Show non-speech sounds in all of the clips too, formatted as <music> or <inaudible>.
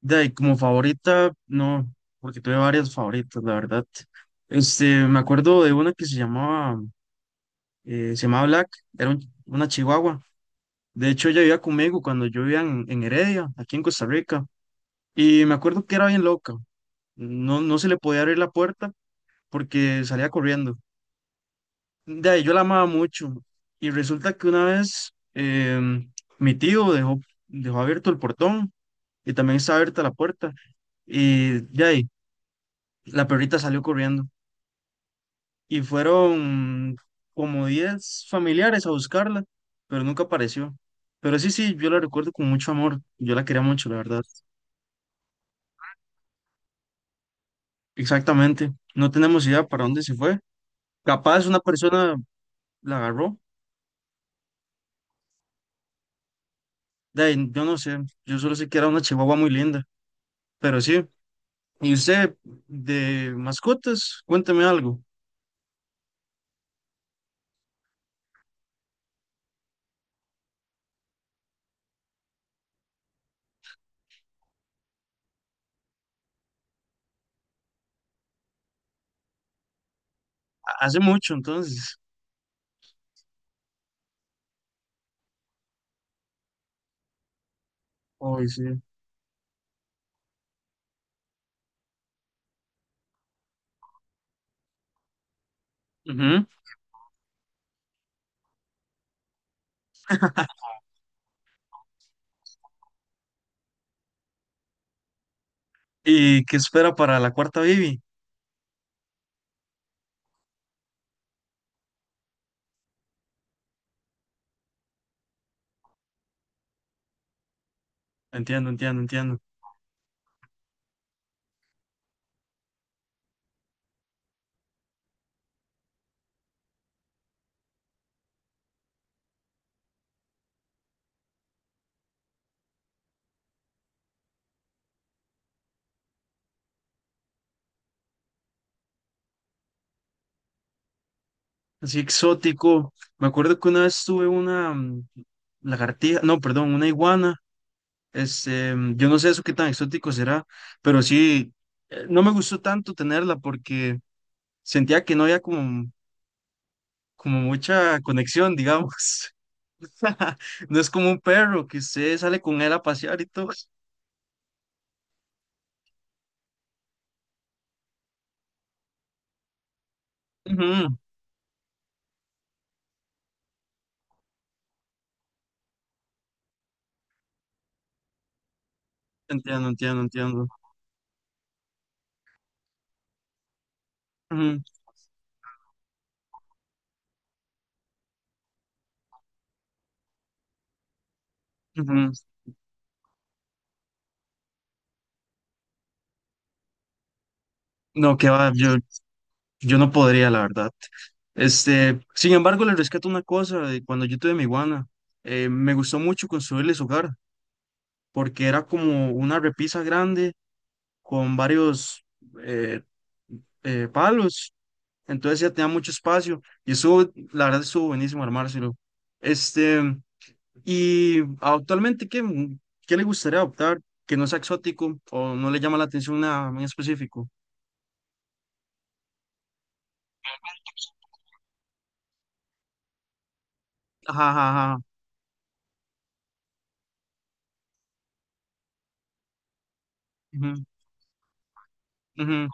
De ahí, como favorita, no, porque tuve varias favoritas, la verdad. Me acuerdo de una que se llamaba Black, era un- una chihuahua. De hecho, ella vivía conmigo cuando yo vivía en Heredia, aquí en Costa Rica. Y me acuerdo que era bien loca. No se le podía abrir la puerta porque salía corriendo. De ahí, yo la amaba mucho. Y resulta que una vez mi tío dejó, dejó abierto el portón y también estaba abierta la puerta. Y de ahí, la perrita salió corriendo. Y fueron como 10 familiares a buscarla, pero nunca apareció. Pero sí, sí, yo la recuerdo con mucho amor, yo la quería mucho, la verdad. Exactamente, no tenemos idea para dónde se fue. Capaz una persona la agarró, de ahí, yo no sé, yo solo sé que era una chihuahua muy linda, pero sí. ¿Y usted de mascotas? Cuénteme algo. Hace mucho entonces. Hoy sí. Ujú. ¿Y qué espera para la cuarta Bibi? Entiendo, entiendo, entiendo. Así exótico. Me acuerdo que una vez tuve una lagartija, no, perdón, una iguana. Yo no sé eso qué tan exótico será, pero sí, no me gustó tanto tenerla porque sentía que no había como, como mucha conexión, digamos. <laughs> No es como un perro que usted sale con él a pasear y todo. Ujú. Entiendo, entiendo, entiendo. Ujú, ujú. No, que va, yo no podría, la verdad. Este, sin embargo, le rescato una cosa de cuando yo tuve mi iguana. Me gustó mucho construirle su hogar, porque era como una repisa grande con varios eh, palos. Entonces ya tenía mucho espacio y eso, la verdad, estuvo buenísimo armárselo. Este, y actualmente, ¿ qué le gustaría adoptar que no sea exótico o no le llama la atención nada en específico? Ajá, ajá, ajá. Ujú, ujú.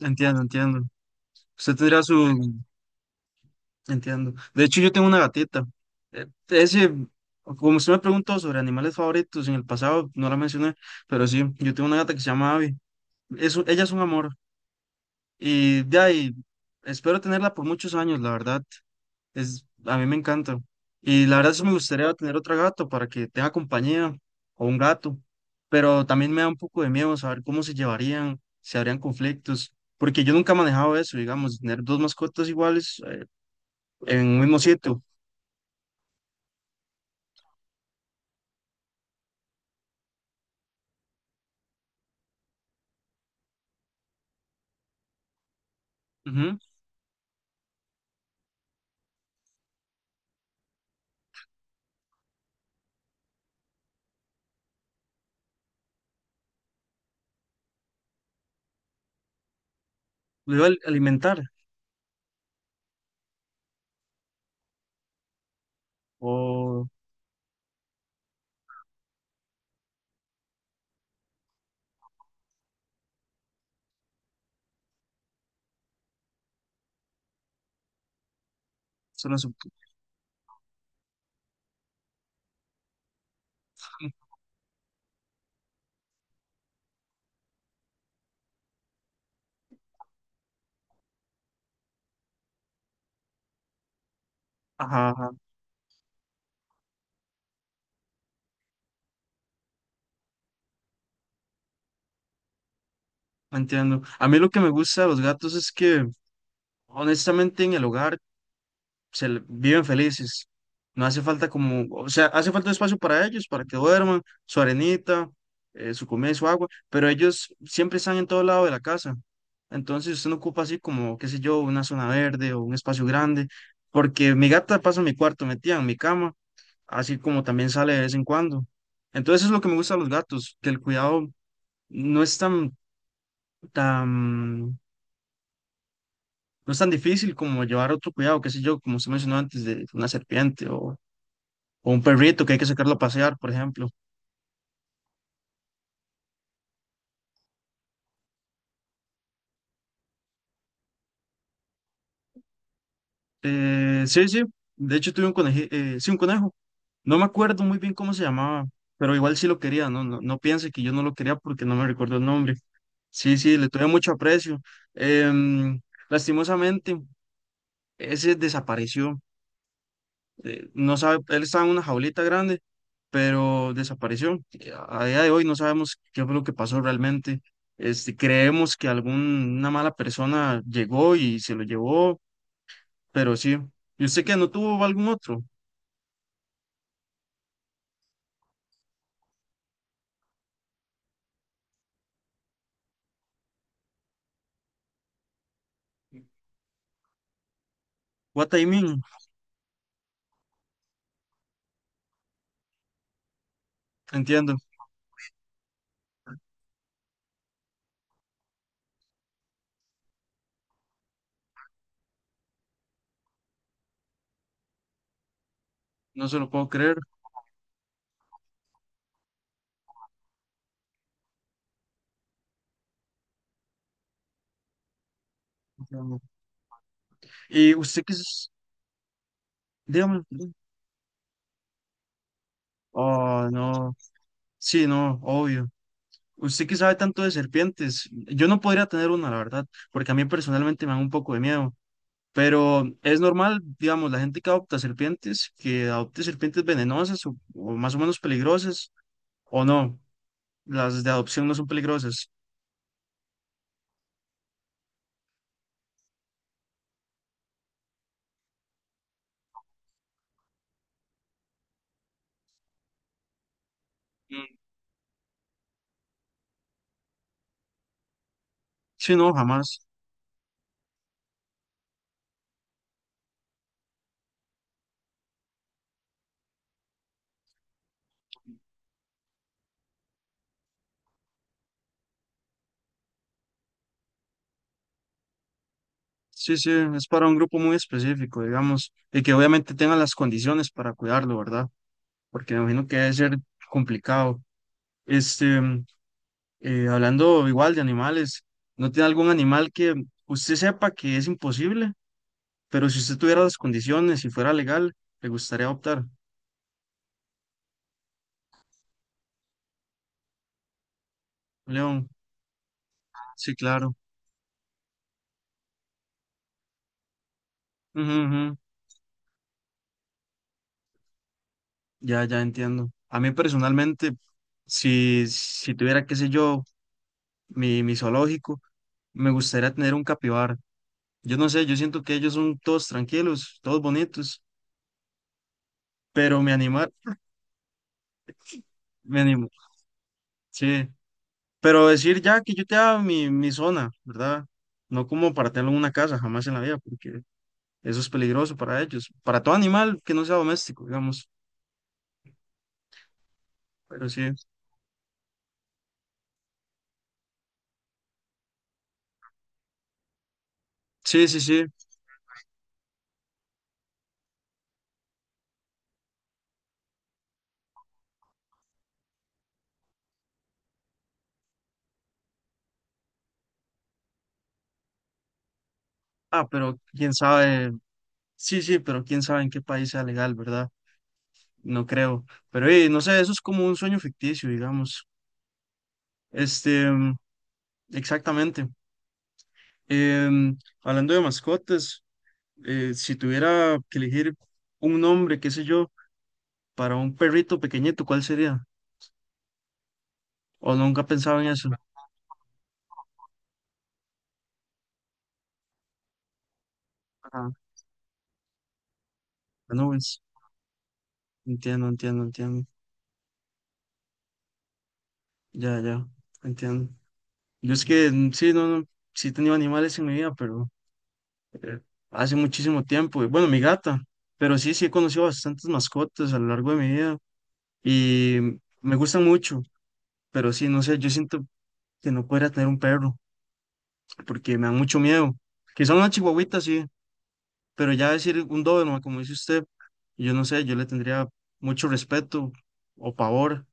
Entiendo, entiendo. Usted tendría su, entiendo. De hecho, yo tengo una gatita. Eh, Ese, como usted me preguntó sobre animales favoritos en el pasado, no la mencioné, pero sí, yo tengo una gata que se llama Abby. Ella es un amor. Y de ahí, espero tenerla por muchos años, la verdad. Es, a mí me encanta. Y la verdad, sí me gustaría tener otra gata para que tenga compañía o un gato. Pero también me da un poco de miedo saber cómo se llevarían, si habrían conflictos. Porque yo nunca he manejado eso, digamos, tener dos mascotas iguales en un mismo sitio. Lo iba a alimentar. O solo su... Ajá, ajá, no entiendo. A mí lo que me gusta de los gatos es que, honestamente, en el hogar viven felices. No hace falta como, o sea, hace falta un espacio para ellos, para que duerman, su arenita, su comida y su agua, pero ellos siempre están en todo lado de la casa. Entonces usted no ocupa así como, qué sé yo, una zona verde o un espacio grande, porque mi gata pasa en mi cuarto metida en mi cama así como también sale de vez en cuando. Entonces eso es lo que me gusta de los gatos, que el cuidado no es tan, no es tan difícil como llevar otro cuidado, qué sé yo, como usted mencionó antes, de una serpiente o un perrito que hay que sacarlo a pasear, por ejemplo. Sí, sí, de hecho tuve un conejo, sí, un conejo. No me acuerdo muy bien cómo se llamaba, pero igual sí lo quería, no, no, no piense que yo no lo quería porque no me recuerdo el nombre. Sí, sí, le tuve mucho aprecio. Em, lastimosamente, ese desapareció. No sabe, él estaba en una jaulita grande, pero desapareció. A día de hoy no sabemos qué fue lo que pasó realmente. Este, creemos que alguna mala persona llegó y se lo llevó, pero sí. ¿Y usted qué? ¿No tuvo algún otro? What I mean, entiendo, no se lo puedo creer. O sea, no. ¿Y usted qué es? Dígame. Perdón. Oh, no. Sí, no, obvio. Usted que sabe tanto de serpientes, yo no podría tener una, la verdad, porque a mí personalmente me da un poco de miedo. Pero es normal, digamos, la gente que adopta serpientes, que adopte serpientes venenosas o más o menos peligrosas, o no, las de adopción no son peligrosas. Mm. Sí, no, jamás. Sí, sí, es para un grupo muy específico, digamos, y que obviamente tengan las condiciones para cuidarlo, ¿verdad? Porque me imagino que debe ser complicado. Este, mm, hablando igual de animales, ¿no tiene algún animal que usted sepa que es imposible, pero si usted tuviera las condiciones y fuera legal, le gustaría adoptar? León. Sí, claro. Ujú, ujú. Ya, ya entiendo. A mí personalmente, si tuviera, qué sé yo, mi zoológico, me gustaría tener un capibara. Yo no sé, yo siento que ellos son todos tranquilos, todos bonitos, pero me animar, me animo, sí. Pero decir ya que yo te haga mi zona, ¿verdad? No como para tenerlo en una casa, jamás en la vida, porque eso es peligroso para ellos, para todo animal que no sea doméstico, digamos. Pero sí, sí, sí, sí. Ah, pero quién sabe. Sí, sí, pero quién sabe en qué país sea legal, ¿verdad? No creo. Pero no sé, eso es como un sueño ficticio, digamos. Este, mm, exactamente. Hablando de mascotas, si tuviera que elegir un nombre, qué sé yo, para un perrito pequeñito, ¿cuál sería? O nunca pensaba en eso. Ajá. No, es- entiendo, entiendo, entiendo. Ya, ya, entiendo. Yo es que sí, no, no, sí he tenido animales en mi vida, pero eh, hace muchísimo tiempo. Y bueno, mi gata, pero sí, sí he conocido bastantes mascotas a lo largo de mi vida y me gustan mucho, pero sí, no sé, yo siento que no podría tener un perro porque me da mucho miedo. Quizá una chihuahuita, sí, pero ya decir un doberman, como dice usted, yo no sé, yo le tendría mucho respeto o pavor.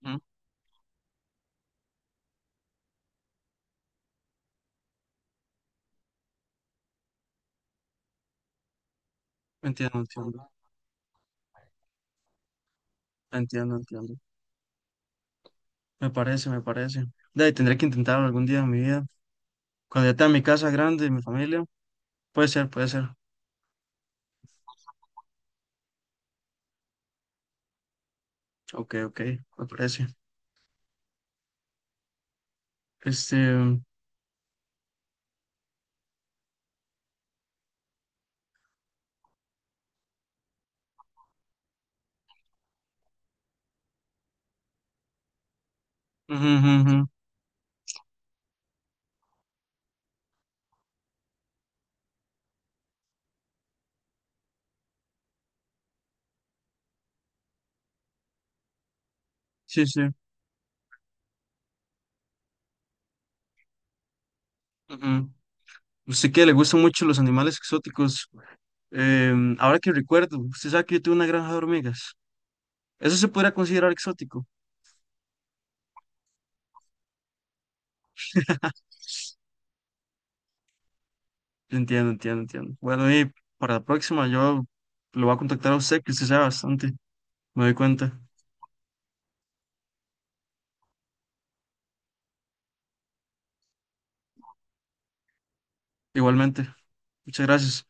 ¿No? Entiendo, entiendo, entiendo. Me parece, me parece. De ahí tendré que intentarlo algún día en mi vida. Cuando ya tenga mi casa grande y mi familia, puede ser, puede ser. Ok, ok, me parece. Este, ujú, ujú, sí, sí. Ujú. Usted que le gustan mucho los animales exóticos. Ahora que recuerdo, usted sabe que yo tuve una granja de hormigas. Eso se podría considerar exótico. Entiendo. Bueno, y para la próxima yo lo voy a contactar a usted, que usted sabe bastante. Me doy cuenta. Igualmente. Muchas gracias.